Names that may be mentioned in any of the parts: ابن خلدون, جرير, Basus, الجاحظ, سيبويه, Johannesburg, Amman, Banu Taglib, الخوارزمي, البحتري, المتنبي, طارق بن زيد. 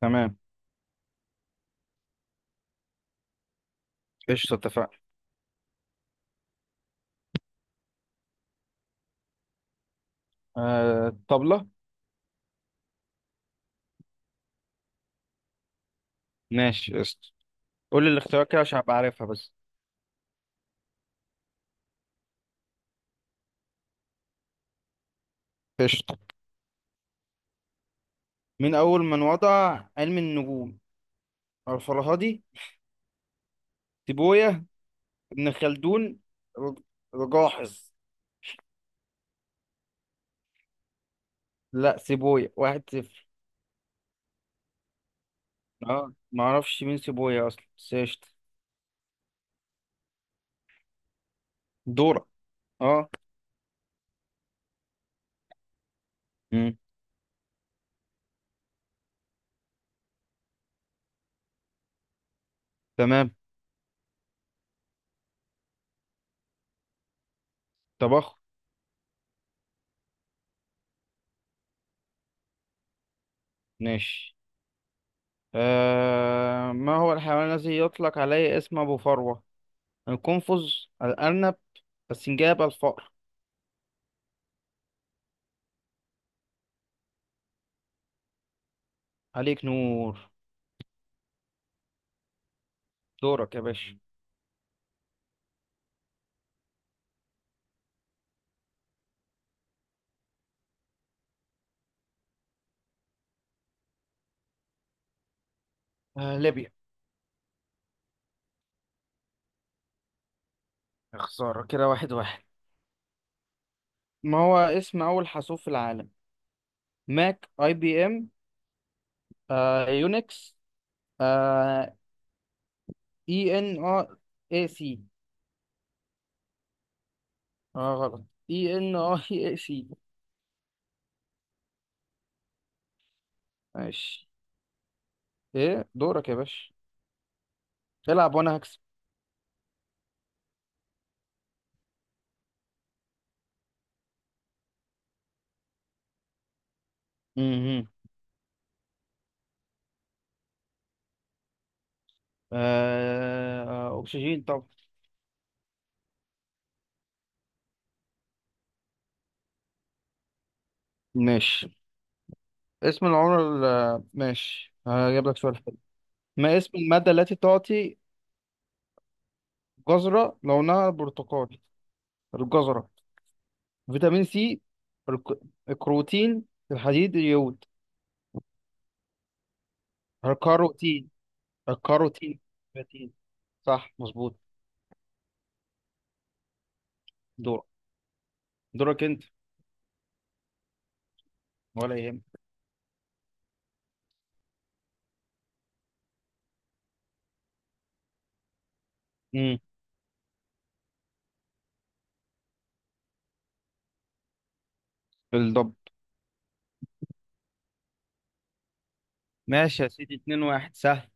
تمام. قشطة، اتفقنا. آه، طبلة. ماشي، قشطة. قول لي الاختيارات كده عشان أبقى عارفها بس. قشطة. من أول من وضع علم النجوم؟ الفرهادي. سيبوية. ابن خلدون. رج- رجاحظ. لا، سيبوية. 1-0. اه، ما اعرفش مين سيبوية أصلا، بس قشطة. دورة. اه. مم. تمام. طبخ. ماشي. ما هو الحيوان الذي يطلق عليه اسم أبو فروة؟ القنفذ، الأرنب، السنجاب، الفأر. عليك نور. دورك يا باشا. آه، ليبيا. يا خسارة، كده واحد واحد. ما هو اسم أول حاسوب في العالم؟ ماك، أي بي إم، آه، يونكس، آه، إي إن آه إي سي. آه، غلط. إي إن آه إي سي. ماشي. إيه، دورك يا باشا. العب وأنا هكسب. مهم. آه، آه، أكسجين طبعا. ماشي. ماشي، هجيب لك سؤال حلو. ما اسم المادة التي تعطي جزرة لونها برتقالي؟ الجزرة، فيتامين سي، الك- الكروتين، الحديد، اليود. الكاروتين. الكاروتين. كروتين. صح، مظبوط. دورك. دورك انت. ولا يهمك. امم. بالضبط. ماشي يا سيدي، 2-1. سهل.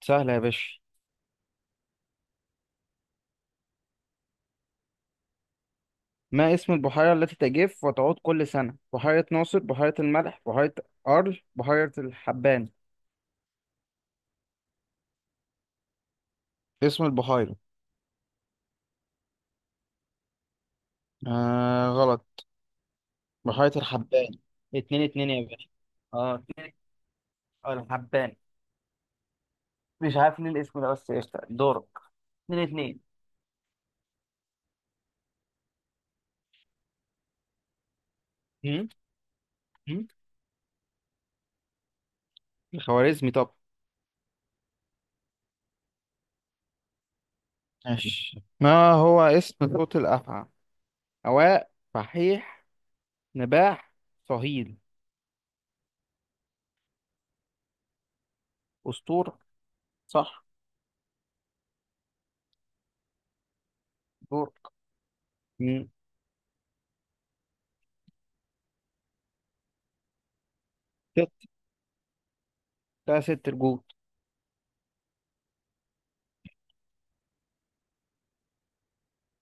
سهل يا باشا. ما اسم البحيرة التي تجف وتعود كل سنة؟ بحيرة ناصر، بحيرة الملح، بحيرة بحيرة الحبان. اسم البحيرة. آه، غلط. بحيرة الحبان. اتنين اتنين يا باشا. اه، اتنين. آه، الحبان. مش عارف ليه الاسم ده بس، قشطة، دورك. اتنين اتنين. هم؟ هم؟ الخوارزمي. طب. ماشي. ما هو اسم صوت الأفعى؟ أواء، فحيح، نباح، صهيل. أسطور. صح. دور. هم. ست. ده ست الجود.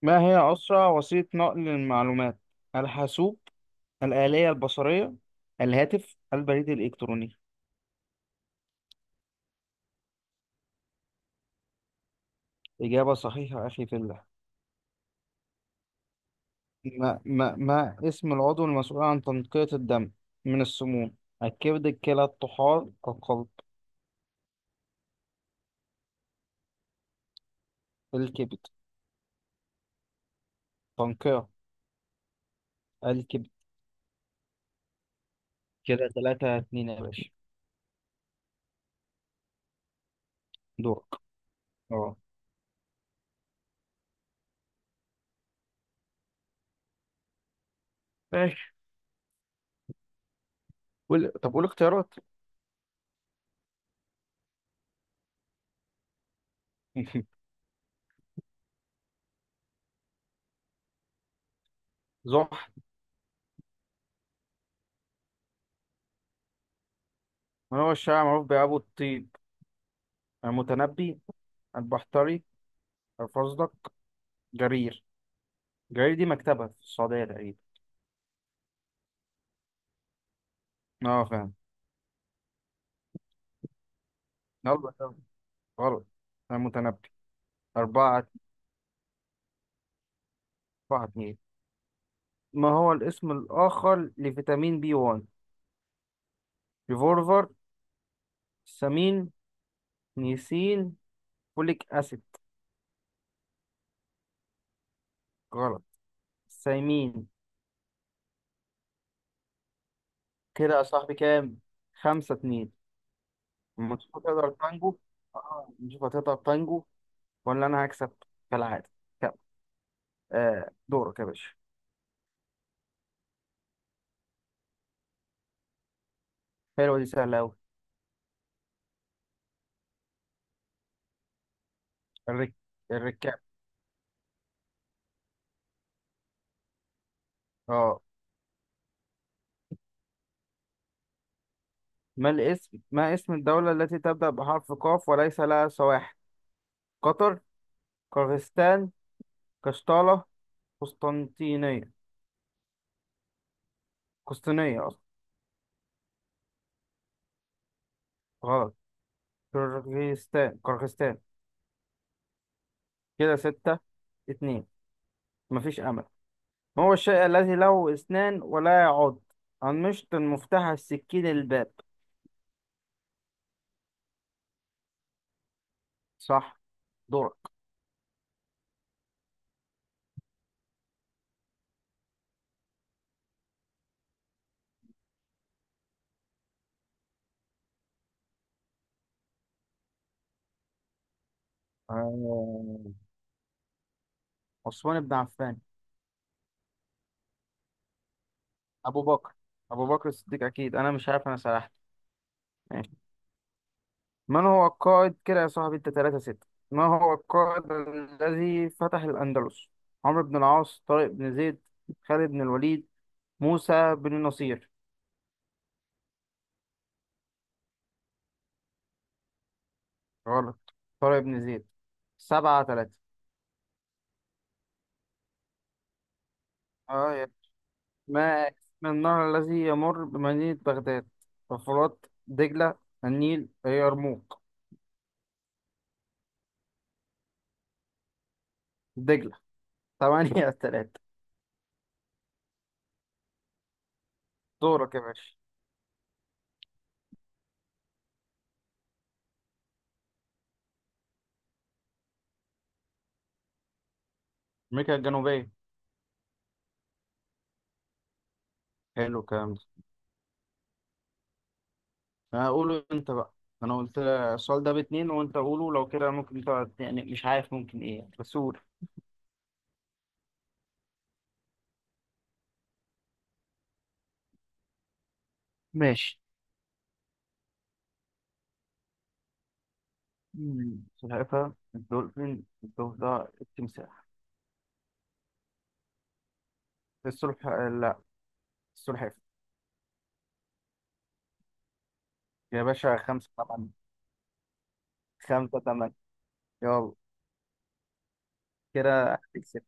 ما هي أسرع وسيلة نقل المعلومات؟ الحاسوب، الآلية البصرية، الهاتف، البريد الإلكتروني. إجابة صحيحة أخي في الله. ما اسم العضو المسؤول عن تنقية الدم من السموم؟ الكبد، الكلى، الطحال، القلب. الكبد. تنقية. الكب. كده 3-2 يا باشا. دورك. اه. ماشي، قول. طب قول اختيارات. زحل. من هو الشاعر معروف بأبو الطيب؟ المتنبي، البحتري، الفزلق، جرير. جرير دي مكتبة في السعودية تقريبا. اه، فاهم. يلا يلا. غلط. المتنبي. أربعة. 4-2. ما هو الاسم الآخر لفيتامين بي 1؟ ريفولفر، سامين، نيسين، فوليك أسيد. غلط. سيمين. كده يا صاحبي، كام؟ 5-2. الماتش. هتقدر تانجو؟ اه، نشوف هتقدر تانجو. ولا انا هكسب كالعادة؟ كم. آه، دورك يا باشا. حلوة دي، سهلة أوي. الرك... الركاب. اه. ما اسم الدولة التي تبدأ بحرف قاف وليس لها سواحل؟ قطر، قرغيزستان، قشطالة، قسطنطينية. قسطينية أصلا. غلط. قرغيزستان، قرغيزستان. كده 6-2. مفيش أمل. ما هو الشيء الذي له أسنان ولا يعض؟ المشط، المفتاح، السكين، الباب. صح. دورك. آه... عثمان بن عفان. أبو بكر. أبو بكر الصديق أكيد. أنا مش عارف، أنا سرحت. ماشي. من هو القائد، كده يا صاحبي أنت 3 6، ما هو القائد الذي فتح الأندلس؟ عمرو بن العاص، طارق بن زيد، خالد بن الوليد، موسى بن النصير. غلط. طارق بن زيد. 7-3. اه يا. ما اسم النهر الذي يمر بمدينة بغداد؟ الفرات، دجلة، النيل، اليرموك. دجلة. 8-3. دورك يا باشا. أمريكا الجنوبية. حلو الكلام ده. أنا أقوله أنت بقى. أنا قلت السؤال ده باتنين، وأنت قوله. لو كده ممكن تقعد يعني مش عارف ممكن إيه يعني. بس قول. ماشي. مم. سلحفاة، الدولفين، الضفدع، التمساح. لا. السلحفاة. يا باشا، خمسة طبعا. 5-8. يلا. كده هتكسب.